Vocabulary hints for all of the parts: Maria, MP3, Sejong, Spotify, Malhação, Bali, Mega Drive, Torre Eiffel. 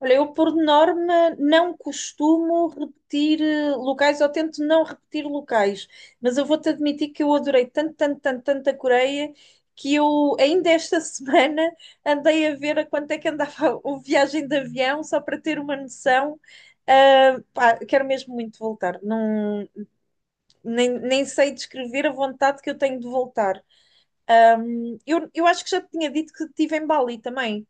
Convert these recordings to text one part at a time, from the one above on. Olha, eu por norma não costumo repetir locais, ou tento não repetir locais, mas eu vou-te admitir que eu adorei tanto, tanto, tanto, tanto a Coreia que eu ainda esta semana andei a ver a quanto é que andava o viagem de avião, só para ter uma noção. Ah, pá, quero mesmo muito voltar. Não, nem sei descrever a vontade que eu tenho de voltar. Eu acho que já te tinha dito que estive em Bali também.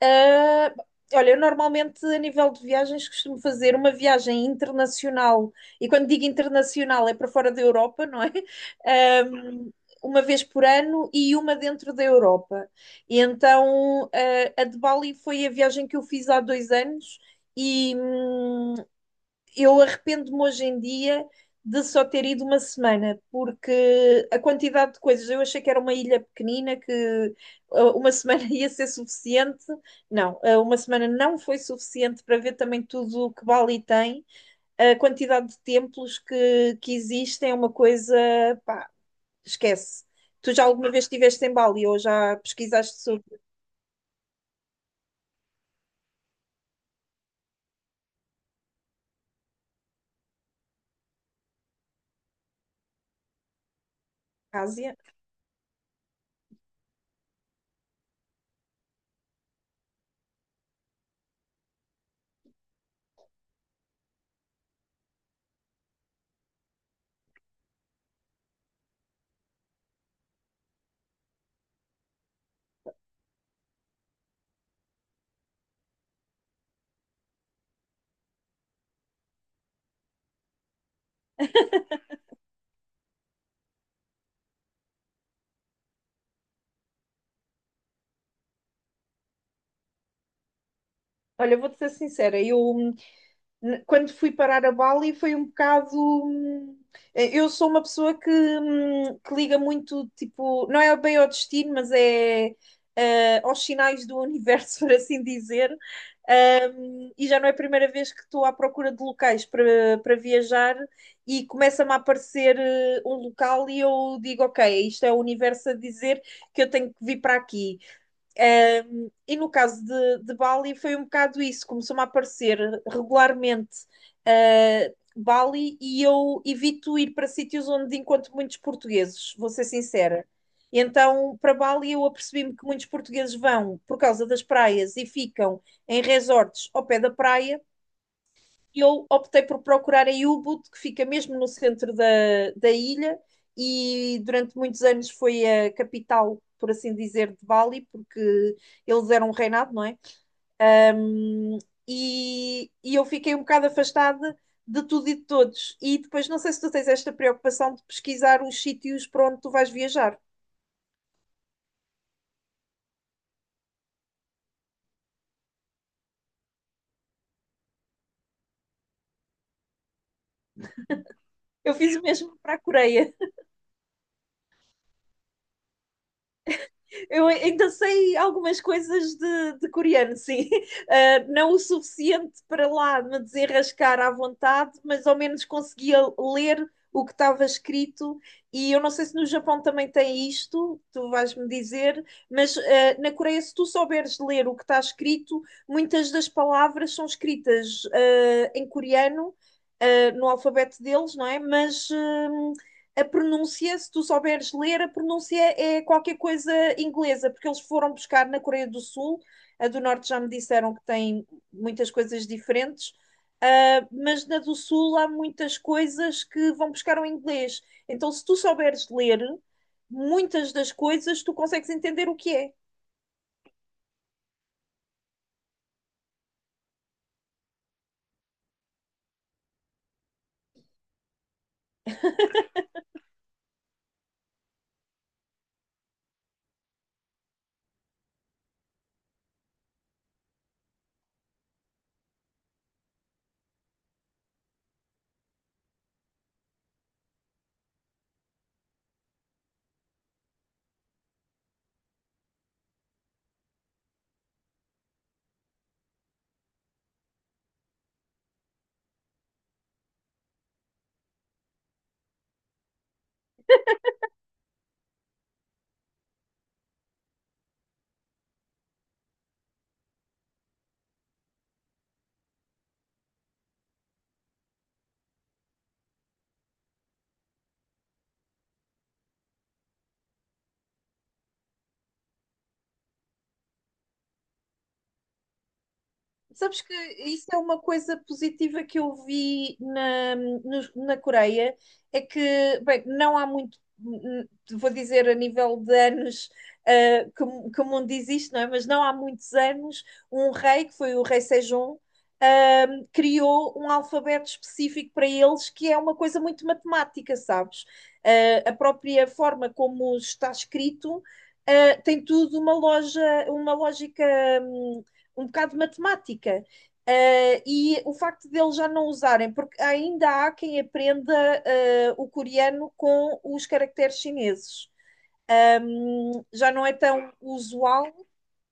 Ah, olha, eu normalmente, a nível de viagens, costumo fazer uma viagem internacional. E quando digo internacional, é para fora da Europa, não é? Ahm, uma vez por ano e uma dentro da Europa. E então, ah, a de Bali foi a viagem que eu fiz há 2 anos. E, eu arrependo-me hoje em dia de só ter ido uma semana, porque a quantidade de coisas, eu achei que era uma ilha pequenina, que uma semana ia ser suficiente. Não, uma semana não foi suficiente para ver também tudo o que Bali tem. A quantidade de templos que existem é uma coisa, pá, esquece. Tu já alguma vez estiveste em Bali ou já pesquisaste sobre a Ásia? Olha, eu vou-te ser sincera, eu, quando fui parar a Bali foi um bocado. hum, Eu sou uma pessoa que liga muito, tipo, não é bem ao destino, mas é aos sinais do universo, por assim dizer. E já não é a primeira vez que estou à procura de locais para, para viajar e começa-me a aparecer um local e eu digo, ok, isto é o universo a dizer que eu tenho que vir para aqui. E no caso de Bali foi um bocado isso, começou-me a aparecer regularmente Bali e eu evito ir para sítios onde encontro muitos portugueses, vou ser sincera. E então, para Bali, eu apercebi-me que muitos portugueses vão por causa das praias e ficam em resorts ao pé da praia, eu optei por procurar em u que fica mesmo no centro da ilha, e durante muitos anos foi a capital, por assim dizer, de Bali, porque eles eram um reinado, não é? Um, e eu fiquei um bocado afastada de tudo e de todos. E depois, não sei se tu tens esta preocupação de pesquisar os sítios para onde tu vais viajar. Eu fiz o mesmo para a Coreia. Eu ainda sei algumas coisas de coreano, sim. Ah, não o suficiente para lá me desenrascar à vontade, mas ao menos conseguia ler o que estava escrito. E eu não sei se no Japão também tem isto, tu vais-me dizer, mas na Coreia, se tu souberes ler o que está escrito, muitas das palavras são escritas em coreano. No alfabeto deles, não é? Mas a pronúncia, se tu souberes ler, a pronúncia é qualquer coisa inglesa, porque eles foram buscar na Coreia do Sul, a do Norte já me disseram que tem muitas coisas diferentes, mas na do Sul há muitas coisas que vão buscar o inglês. Então, se tu souberes ler, muitas das coisas tu consegues entender o que é. Sabes que isso é uma coisa positiva que eu vi na Coreia, é que, bem, não há muito, vou dizer a nível de anos, que o mundo existe, não é? Mas não há muitos anos, um rei, que foi o rei Sejong, ah, criou um alfabeto específico para eles, que é uma coisa muito matemática, sabes? A própria forma como está escrito, tem tudo uma loja, uma lógica hum, um bocado de matemática. E o facto de eles já não usarem, porque ainda há quem aprenda o coreano com os caracteres chineses. Já não é tão usual,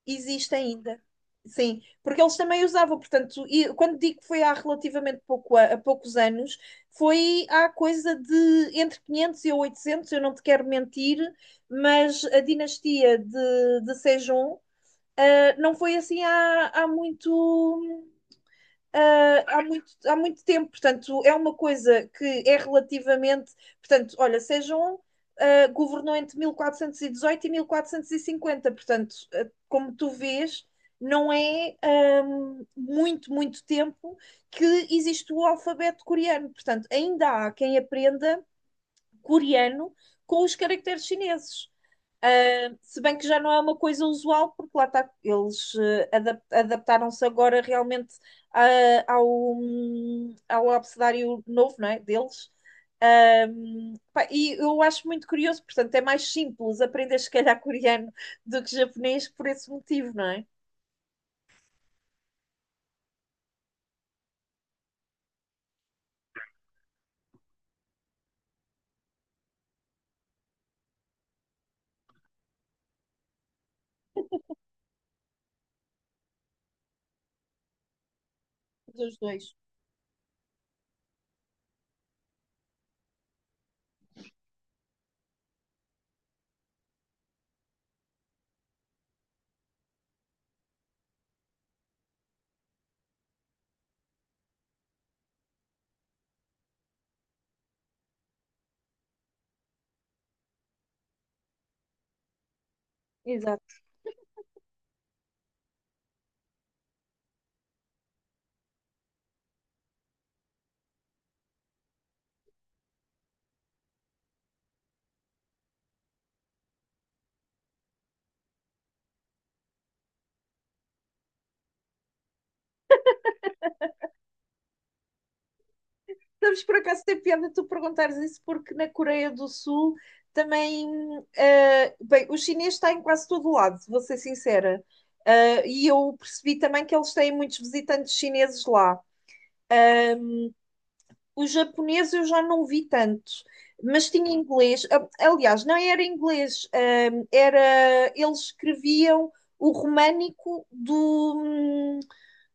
existe ainda. Sim, porque eles também usavam, portanto, e quando digo que foi há relativamente pouco, há poucos anos, foi há coisa de entre 500 e 800, eu não te quero mentir, mas a dinastia de Sejong não foi assim há, muito, há muito há muito tempo. Portanto, é uma coisa que é relativamente. Portanto, olha, sejam governou entre 1418 e 1450. Portanto, como tu vês, não é um, muito, muito tempo que existe o alfabeto coreano. Portanto, ainda há quem aprenda coreano com os caracteres chineses. Se bem que já não é uma coisa usual, porque lá está, eles adaptaram-se agora realmente ao abecedário novo, não é? Deles. Pá, e eu acho muito curioso, portanto, é mais simples aprender, se calhar, coreano do que japonês por esse motivo, não é? Dos dois. Exato. Sabes, por acaso tem piada tu perguntares isso, porque na Coreia do Sul também. Bem, o chinês está em quase todo lado, vou ser sincera. E eu percebi também que eles têm muitos visitantes chineses lá. O japonês eu já não vi tanto, mas tinha inglês. Aliás, não era inglês, era eles escreviam o românico do, hum,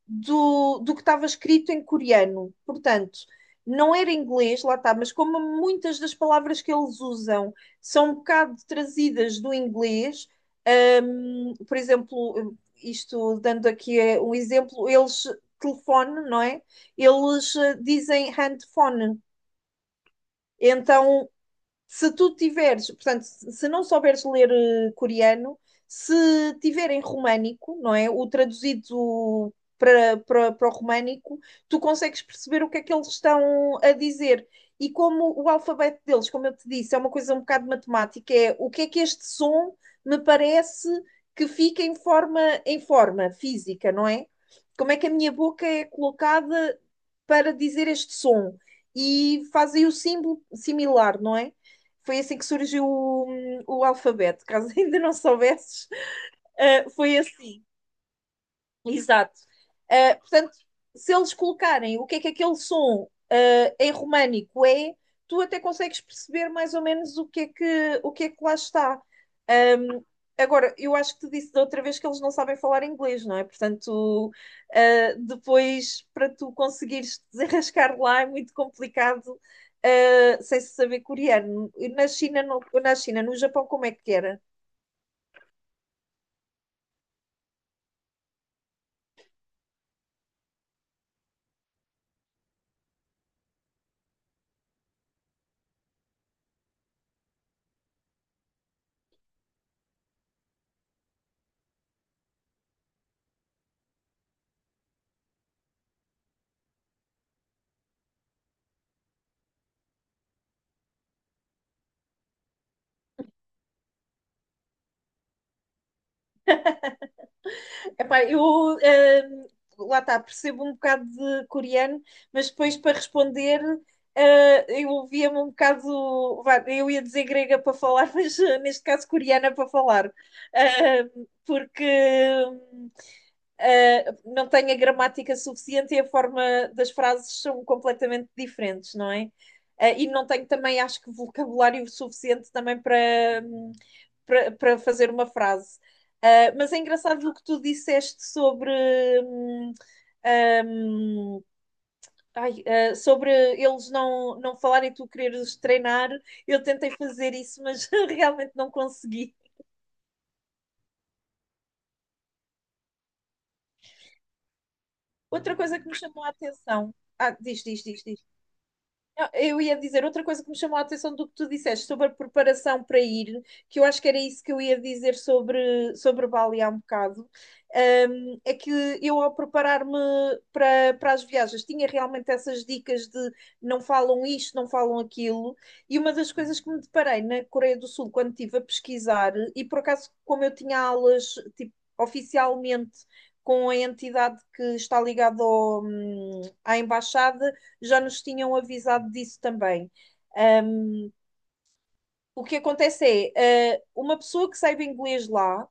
do, do que estava escrito em coreano. Portanto, não era inglês, lá está, mas como muitas das palavras que eles usam são um bocado trazidas do inglês, por exemplo, isto dando aqui um exemplo, eles telefone, não é? Eles dizem handphone. Então, se tu tiveres, portanto, se não souberes ler coreano, se tiver em românico, não é? O traduzido para o românico, tu consegues perceber o que é que eles estão a dizer. E como o alfabeto deles, como eu te disse, é uma coisa um bocado matemática, é o que é que este som me parece que fica em forma física, não é? Como é que a minha boca é colocada para dizer este som? E fazem o símbolo similar, não é? Foi assim que surgiu o alfabeto, caso ainda não soubesses. Ah, foi assim. Exato. Ah, portanto, se eles colocarem o que é que aquele som em românico é, tu até consegues perceber mais ou menos o que é que lá está. Ahm, agora, eu acho que te disse da outra vez que eles não sabem falar inglês, não é? Portanto, depois para tu conseguires te desenrascar lá é muito complicado. Sem se saber coreano. E na China, no Japão, como é que era? Epá, eu ehm, lá está, percebo um bocado de coreano, mas depois para responder eu ouvia-me um bocado, vá, eu ia dizer grega para falar, mas neste caso coreana para falar. Eh, porque hum, não tem a gramática suficiente e a forma das frases são completamente diferentes, não é? E não tenho também, acho que, vocabulário suficiente também para fazer uma frase. Mas é engraçado o que tu disseste sobre. hum, hum, ai, sobre eles não, não falarem e tu quereres treinar, eu tentei fazer isso, mas realmente não consegui. Outra coisa que me chamou a atenção. Ah, diz, diz, diz, diz. Não, eu ia dizer outra coisa que me chamou a atenção do que tu disseste sobre a preparação para ir, que eu acho que era isso que eu ia dizer sobre, Bali há um bocado, é que eu ao preparar-me para as viagens tinha realmente essas dicas de não falam isto, não falam aquilo, e uma das coisas que me deparei na Coreia do Sul quando estive a pesquisar, e por acaso como eu tinha aulas tipo, oficialmente com a entidade que está ligada à embaixada, já nos tinham avisado disso também. Um, o que acontece é, uma pessoa que saiba inglês lá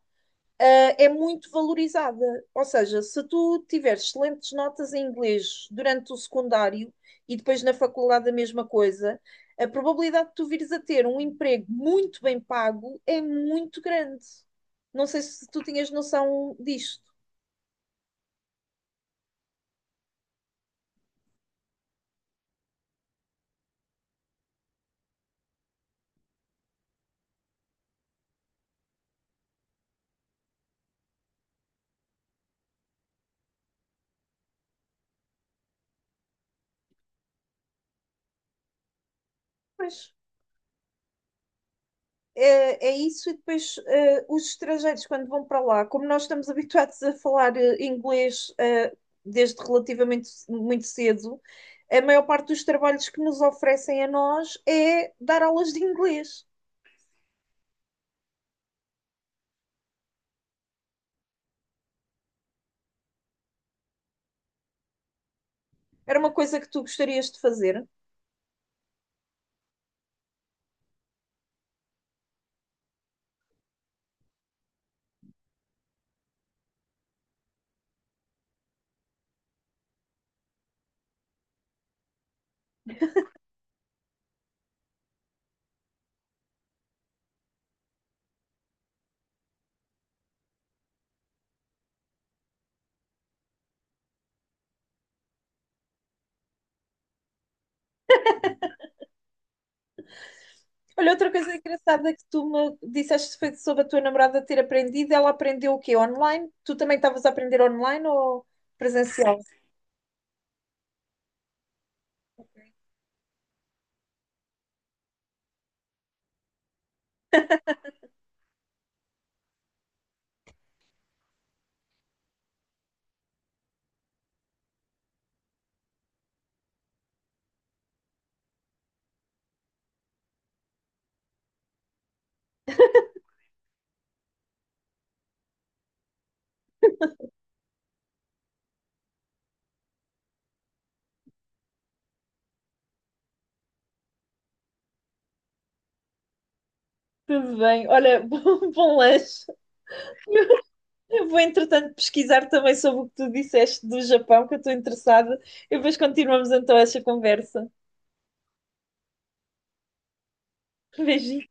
é muito valorizada. Ou seja, se tu tiveres excelentes notas em inglês durante o secundário e depois na faculdade a mesma coisa, a probabilidade de tu vires a ter um emprego muito bem pago é muito grande. Não sei se tu tinhas noção disto. Pois. É, é isso, e depois os estrangeiros, quando vão para lá, como nós estamos habituados a falar inglês desde relativamente muito cedo, a maior parte dos trabalhos que nos oferecem a nós é dar aulas de inglês. Era uma coisa que tu gostarias de fazer? Olha, outra coisa engraçada que tu me disseste foi sobre a tua namorada ter aprendido. Ela aprendeu o quê? Online? Tu também estavas a aprender online ou presencial? Tudo bem. Olha, bom, bom lanche. Eu vou, entretanto, pesquisar também sobre o que tu disseste do Japão, que eu estou interessada. E depois continuamos então essa conversa. Beijinho.